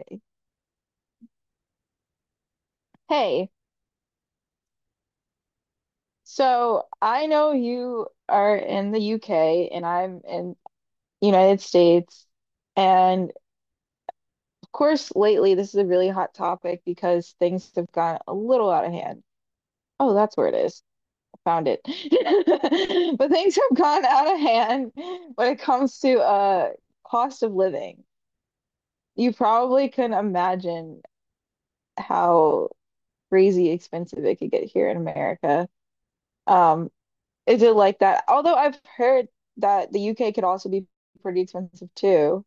Okay. Hey, so I know you are in the UK and I'm in the United States. And of course, lately this is a really hot topic because things have gone a little out of hand. Oh, that's where it is. Found it. But things have gone out of hand when it comes to cost of living. You probably can imagine how crazy expensive it could get here in America. Um, Is it like that? Although I've heard that the UK could also be pretty expensive too.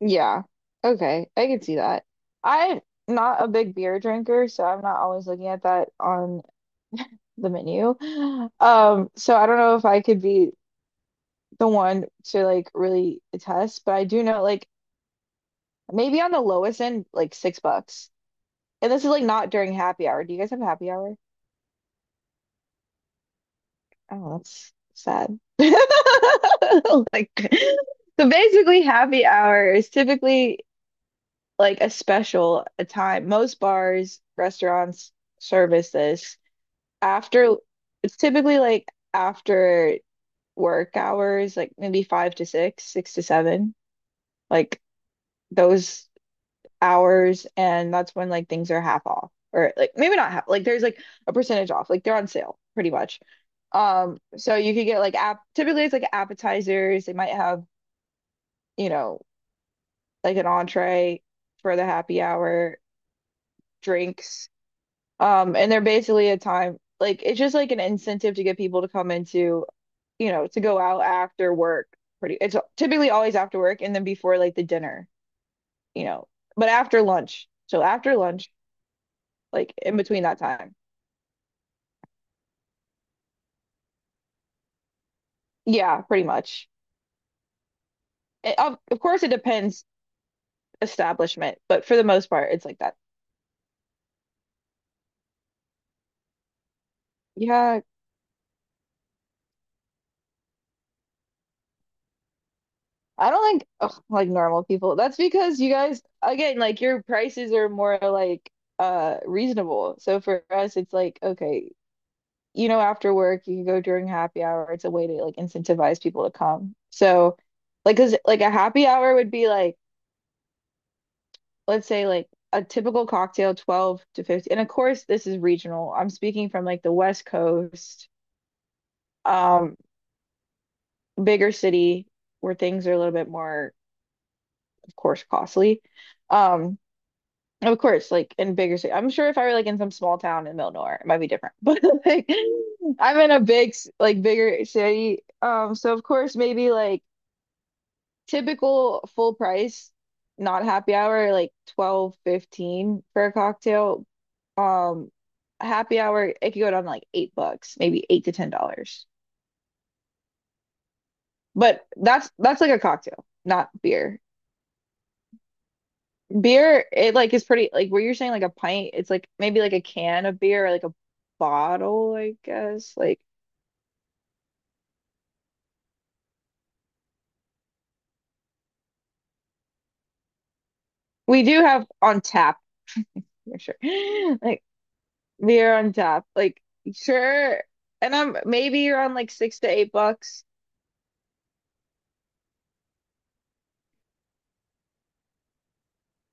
Yeah. Okay. I can see that. I'm not a big beer drinker, so I'm not always looking at that on the menu. So I don't know if I could be the one to like really attest, but I do know like maybe on the lowest end, like $6. And this is like not during happy hour. Do you guys have happy hour? Oh, that's sad. Like, so basically, happy hour is typically like a special, a time. Most bars, restaurants service this after, it's typically like after work hours, like maybe five to six, six to seven, like those hours. And that's when like things are half off, or like maybe not half, like there's like a percentage off, like they're on sale pretty much. So you could get like app typically it's like appetizers. They might have, you know, like an entree for the happy hour, drinks. And they're basically a time like it's just like an incentive to get people to come into, to go out after work. Pretty it's typically always after work and then before like the dinner, you know, but after lunch. So after lunch, like in between that time. Yeah, pretty much. It, of course it depends establishment, but for the most part it's like that. Yeah, I don't like ugh, like normal people. That's because you guys again like your prices are more like reasonable. So for us it's like okay, after work you can go during happy hour. It's a way to like incentivize people to come. So like, cause like a happy hour would be like let's say like a typical cocktail 12 to 50. And of course this is regional. I'm speaking from like the West Coast, um bigger city where things are a little bit more of course costly. Um Of course, like in bigger city. I'm sure if I were like in some small town in the middle of nowhere, it might be different. But like I'm in a like bigger city. So of course maybe like typical full price, not happy hour, like 12.15 for a cocktail. Um, Happy hour, it could go down to like $8, maybe $8 to $10. But that's like a cocktail, not beer. Beer, it like is pretty like what you're saying, like a pint, it's like maybe like a can of beer or like a bottle, I guess. Like we do have on tap for sure. Like beer on tap. Like sure. And I'm maybe around like $6 to $8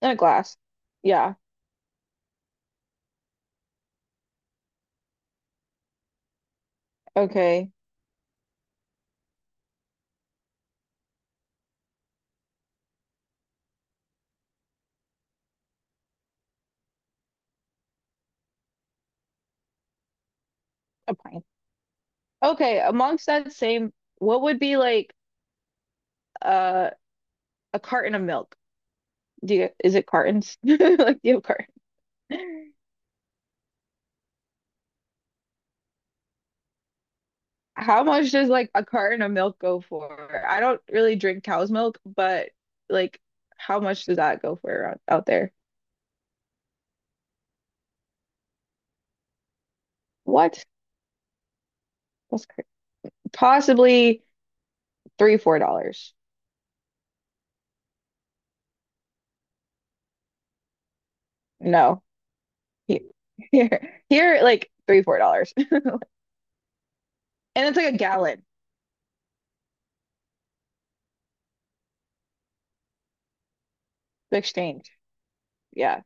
in a glass. Yeah. Okay. A pint. Okay. Amongst that same, what would be like uh a carton of milk? Do you is it cartons? Like do you have cartons? How much does like a carton of milk go for? I don't really drink cow's milk, but like how much does that go for around out there? What? That's cra Possibly three, $4. No. He- here, like three, $4. And it's like a gallon the exchange. Yeah.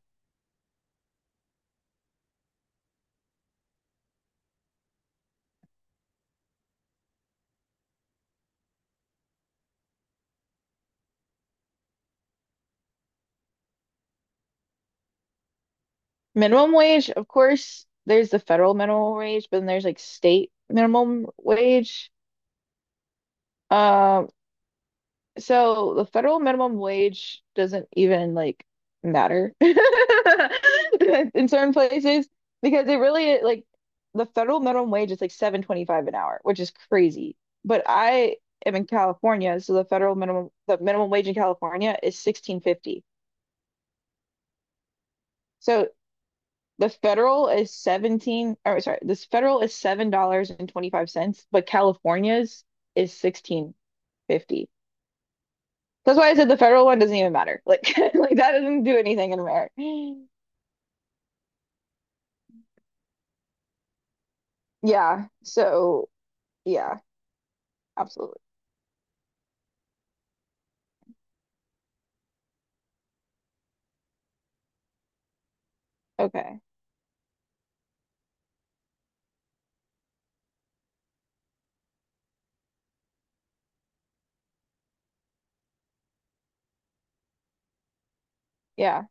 Minimum wage, of course, there's the federal minimum wage, but then there's like state minimum wage. Um, So the federal minimum wage doesn't even like matter in certain places because it really like the federal minimum wage is like 7.25 an hour, which is crazy. But I am in California, so the minimum wage in California is 16.50. So the federal is 17 or sorry, this federal is $7.25, but California's is 16.50. That's why I said the federal one doesn't even matter. Like, like that doesn't do anything in America. Yeah. So, yeah, absolutely. Okay. Yeah.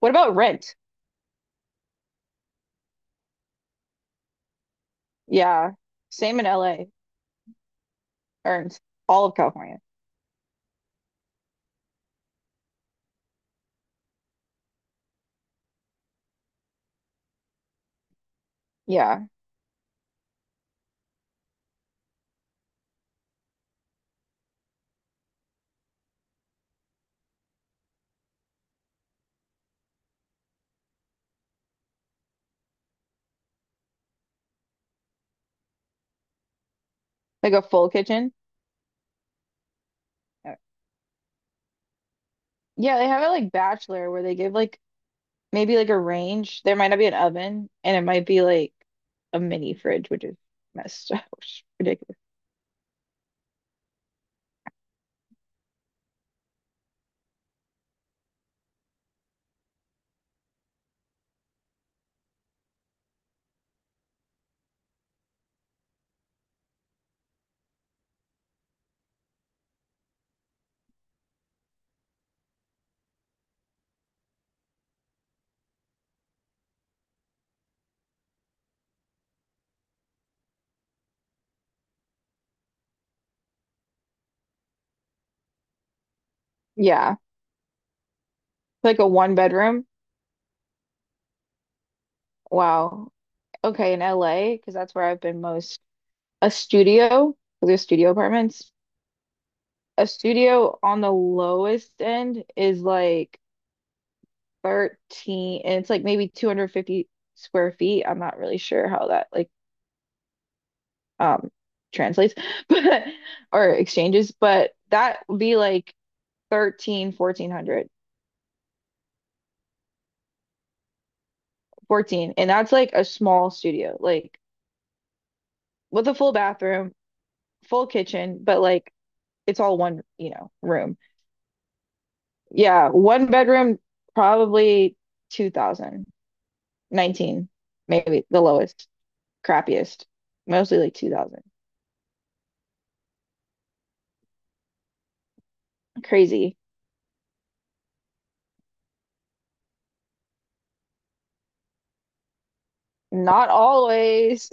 What about rent? Yeah. Same in LA or in all of California. Yeah. Like a full kitchen. Yeah, they have it like bachelor where they give like maybe like a range. There might not be an oven and it might be like a mini fridge, which is messed up, which is ridiculous. Yeah. Like a one bedroom. Wow. Okay, in LA, because that's where I've been most. A studio, 'cause there's studio apartments. A studio on the lowest end is like 13, and it's like maybe 250 square feet. I'm not really sure how that like um translates, but or exchanges, but that would be like 13, 1400, 14, and that's like a small studio, like with a full bathroom, full kitchen, but like it's all one, room. Yeah, one bedroom, probably 2000. 19, maybe the lowest, crappiest, mostly like 2000. Crazy. Not always.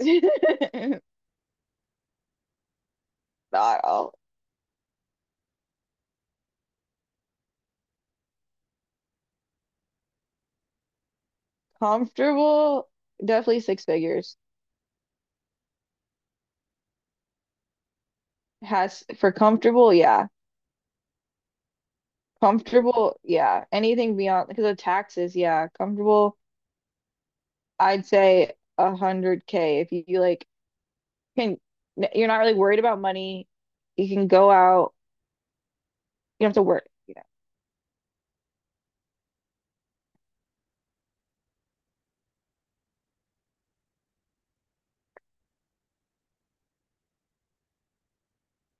Not all comfortable. Definitely six figures. Has for comfortable, yeah. Comfortable, yeah. Anything beyond because of taxes, yeah. Comfortable, I'd say 100K if you like can you're not really worried about money. You can go out, you don't have to work.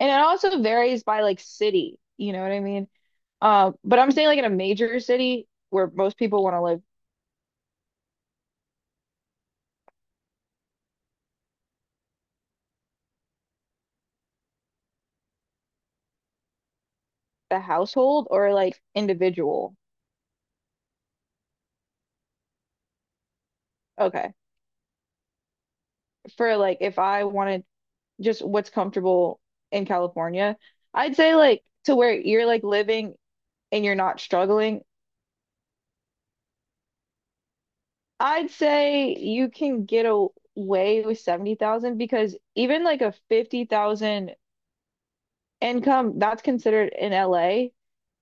And it also varies by like city, you know what I mean? But I'm saying like in a major city where most people want to live the household or like individual. Okay. For like if I wanted just what's comfortable in California, I'd say like to where you're like living and you're not struggling, I'd say you can get away with 70,000 because even like a 50,000 income, that's considered in LA,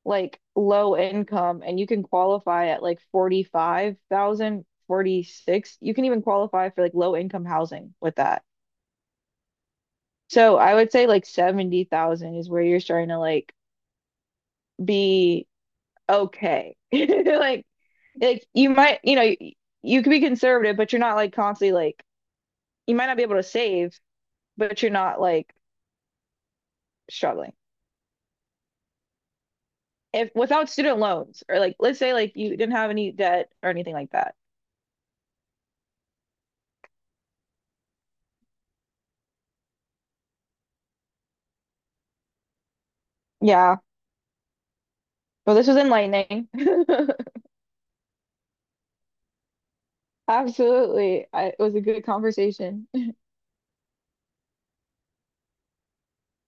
like low income, and you can qualify at like 45,000, 46. You can even qualify for like low income housing with that. So I would say like 70,000 is where you're starting to like be okay. Like you might, you could be conservative, but you're not like constantly like you might not be able to save, but you're not like struggling. If without student loans or like let's say like you didn't have any debt or anything like that. Yeah. Well, this was enlightening. Absolutely. It was a good conversation.